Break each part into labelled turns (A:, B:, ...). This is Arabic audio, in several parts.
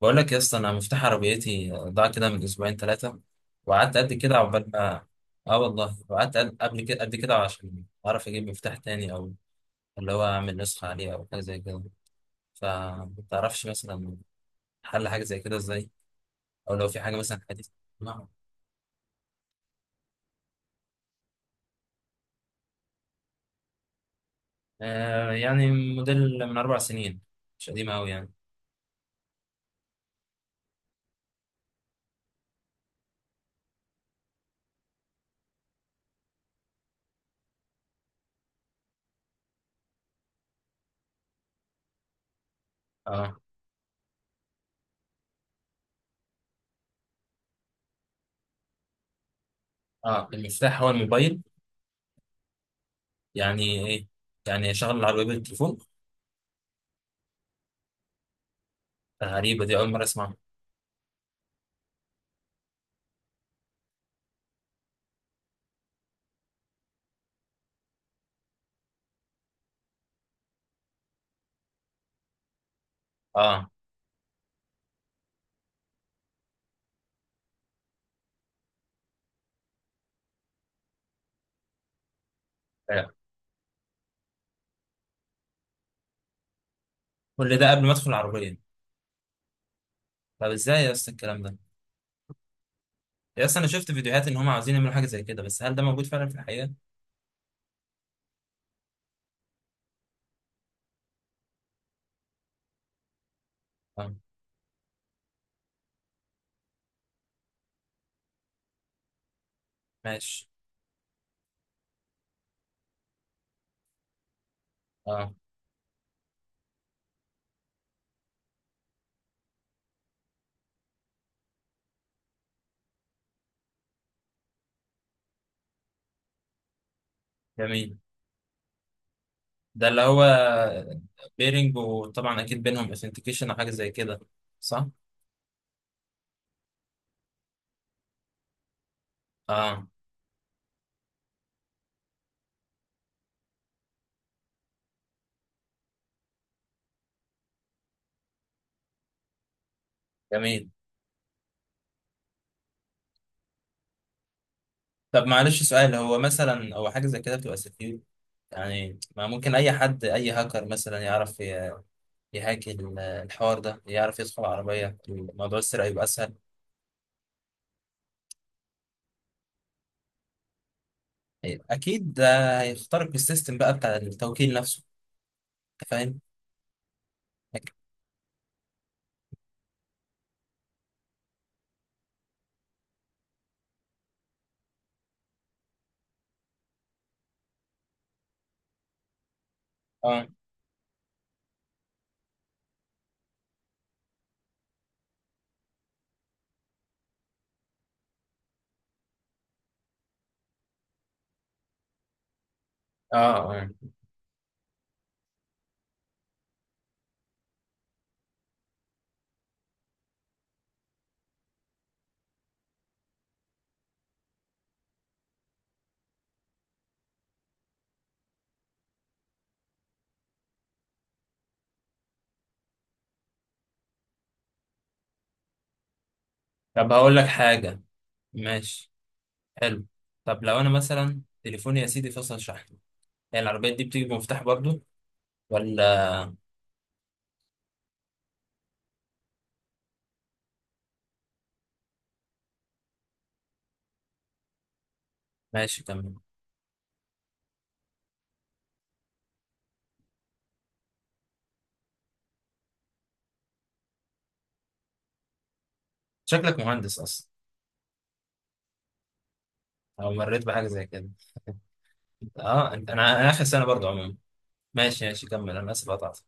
A: بقول لك يا اسطى، انا مفتاح عربيتي ضاع كده من اسبوعين ثلاثه، وقعدت قد كده عقبال ما. اه والله، وقعدت قبل كده قد كده عشان اعرف اجيب مفتاح تاني، او اللي هو اعمل نسخه عليه او حاجه زي كده. فمتعرفش مثلا، حل حاجه زي كده ازاي، او لو في حاجه مثلا حديثه. نعم. آه يعني موديل من 4 سنين، مش قديم قوي يعني. اه، اه، المفتاح هو الموبايل. يعني ايه، يعني شغل العربيه بالتليفون؟ غريبه، دي اول مره اسمعها. اه. آه. كل ده قبل ما ادخل العربيه. طب ازاي يا اسطى الكلام ده؟ يا اسطى انا شفت فيديوهات ان هم عاوزين يعملوا حاجه زي كده، بس هل ده موجود فعلا في الحقيقه؟ اه. ماشي. اه. جميل. ده اللي هو بيرنج، وطبعا اكيد بينهم اثنتيكيشن او حاجه زي كده، صح؟ اه. جميل. طب معلش سؤال، هو حاجه زي كده بتبقى سكيور؟ يعني ما ممكن اي حد، اي هاكر مثلا، يعرف يهاك الحوار ده، يعرف يدخل العربيه، الموضوع السرقه يبقى اسهل. اكيد ده هيخترق السيستم بقى بتاع التوكيل نفسه، انت فاهم؟ اه. اه. اه. طب هقول لك حاجة. ماشي. حلو. طب لو انا مثلا تليفوني يا سيدي فصل شحن، هي العربية دي بتيجي بمفتاح برضو، ولا؟ ماشي تمام. شكلك مهندس اصلا، او مريت بحاجة زي كده؟ اه انت، انا اخر سنة برضو عموما. ماشي ماشي، كمل، انا اسف قطعتك.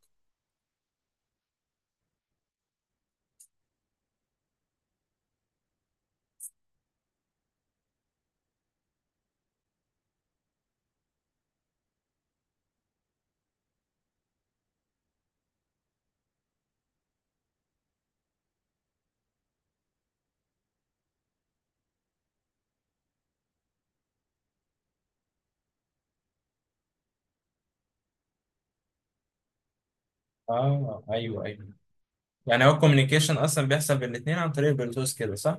A: اه. ايوه، ايوه. يعني هو الكوميونيكيشن اصلا بيحصل بين الاثنين عن طريق البلوتوث كده، صح؟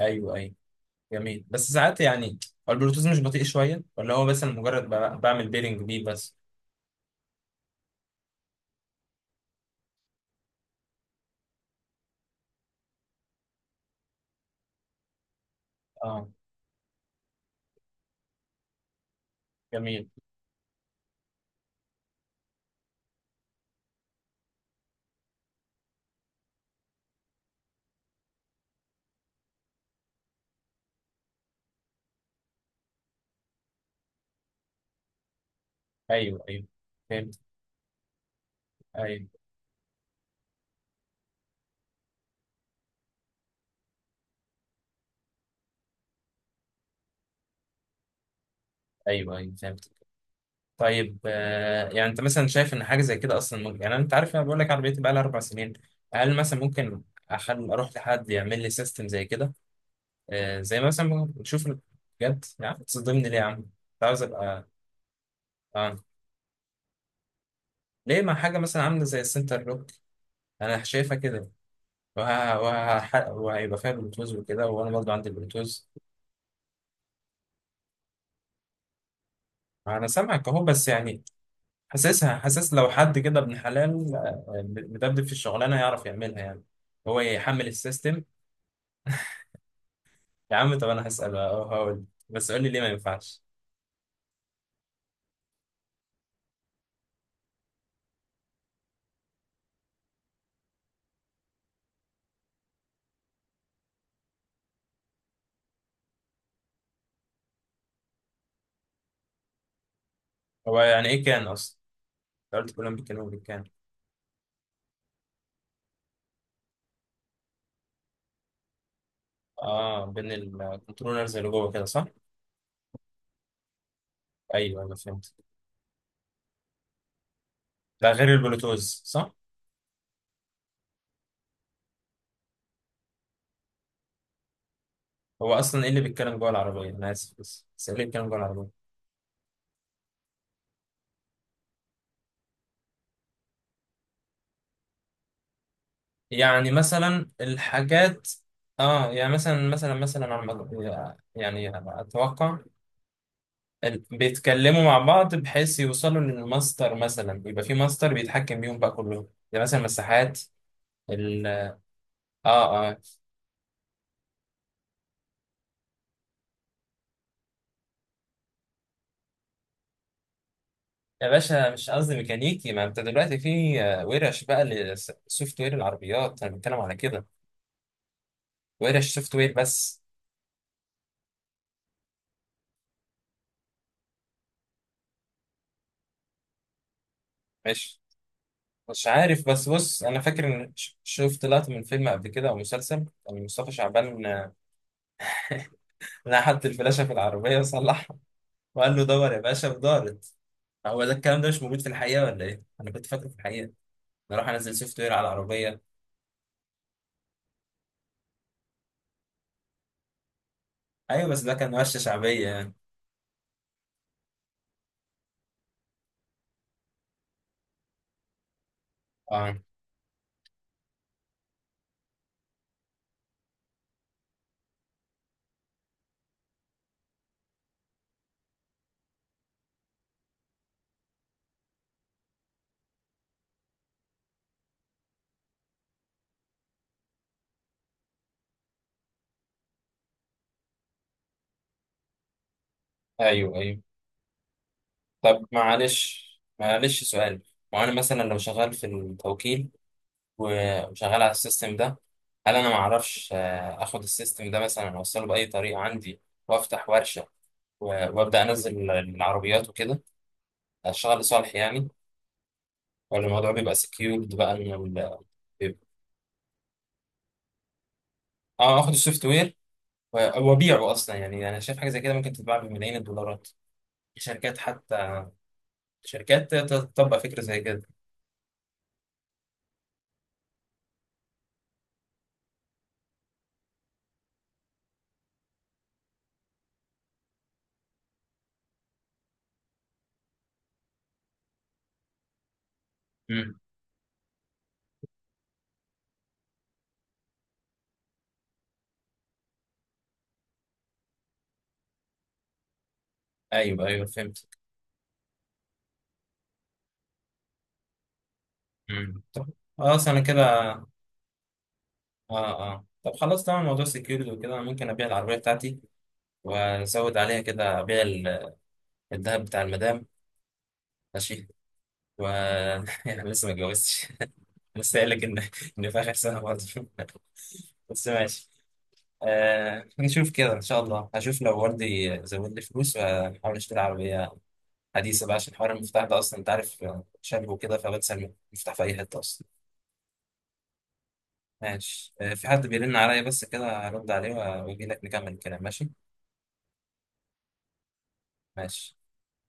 A: ايوه، ايوه. جميل بس ساعات يعني، هو البلوتوث مش بطيء شوية؟ ولا هو بس أنا مجرد بعمل بيرنج بيه بس؟ اه. جميل. ايوه، ايوه، فهمت. ايوه، ايوه، ايوه، فهمت. طيب. يعني انت مثلا شايف ان حاجه زي كده اصلا ممكن؟ يعني انت عارف، انا بقول لك عربيتي بقى لها 4 سنين، هل مثلا ممكن اخل اروح لحد يعمل لي سيستم زي كده؟ آه، زي مثلا نشوف. بجد يعني تصدمني ليه يا عم؟ انت عاوز ابقى. اه. ليه، ما حاجه مثلا عامله زي السنتر لوك، انا شايفها كده. وهيبقى فيها بلوتوث وكده، وانا برضه عندي بلوتوث. انا سامعك اهو، بس يعني حاسس لو حد كده ابن حلال، مدبدب في الشغلانه هيعرف يعملها يعني، هو يحمل السيستم. يا عم طب انا هسال، هقول، بس قول لي ليه ما ينفعش. هو يعني ايه كان اصلا؟ أنت قلت كلهم بيتكلموا بالكان. اه، بين الكنترولرز اللي جوه كده، صح؟ ايوه، انا فهمت. ده غير البلوتوز، صح؟ هو اصلا ايه اللي بيتكلم جوه العربيه، انا اسف، بس ايه اللي بيتكلم جوه العربيه؟ يعني مثلا الحاجات. اه يعني، مثلا على يعني، اتوقع. بيتكلموا مع بعض بحيث يوصلوا للماستر، مثلا يبقى في ماستر بيتحكم بيهم بقى كلهم، يعني مثلا مساحات. ال اه. اه. يا باشا مش قصدي ميكانيكي، ما انت دلوقتي في ورش بقى للسوفت وير العربيات، انا بتكلم على كده. ورش سوفت وير بس. مش مش عارف، بس بص انا فاكر ان شفت لقطه من فيلم قبل كده او مسلسل، كان مصطفى شعبان لقى حد الفلاشه في العربيه وصلحها، وقال له دور يا باشا ودارت. هو ده الكلام ده مش موجود في الحقيقه، ولا ايه؟ انا كنت فاكره في الحقيقه، نروح انزل سوفت وير على العربيه. ايوه بس ده كان ورشه شعبيه يعني. اه. ايوه، ايوه. طب معلش، معلش سؤال، وانا مثلا لو شغال في التوكيل وشغال على السيستم ده، هل انا ما اعرفش اخد السيستم ده مثلا، اوصله باي طريقه عندي، وافتح ورشه و- وابدا انزل العربيات وكده، اشتغل لصالح يعني؟ ولا الموضوع بيبقى سكيورد بقى ان بيبقى- اه، اخد السوفت وير وابيعه اصلا يعني، انا شايف حاجه زي كده ممكن تتباع بملايين الدولارات. شركات حتى، شركات تقدر تطبق فكرة زي كده. امم. ايوه، ايوه، فهمت. طب خلاص انا كده. اه، اه، طب خلاص تمام، موضوع سكيورتي وكده انا ممكن ابيع العربية بتاعتي وازود عليها كده، ابيع الذهب بتاع المدام. ماشي. و يعني لسه ما اتجوزتش. بس قايل لك ان في اخر سنة برضه. بس ماشي. آه نشوف كده ان شاء الله، هشوف لو والدي زود لي فلوس وهحاول اشتري عربية حديثة بقى، عشان حوار المفتاح ده اصلا انت عارف، شاب وكده فبنسى المفتاح في اي حتة اصلا. ماشي. في حد بيرن عليا، بس كده هرد عليه واجي لك نكمل الكلام. ماشي. ماشي.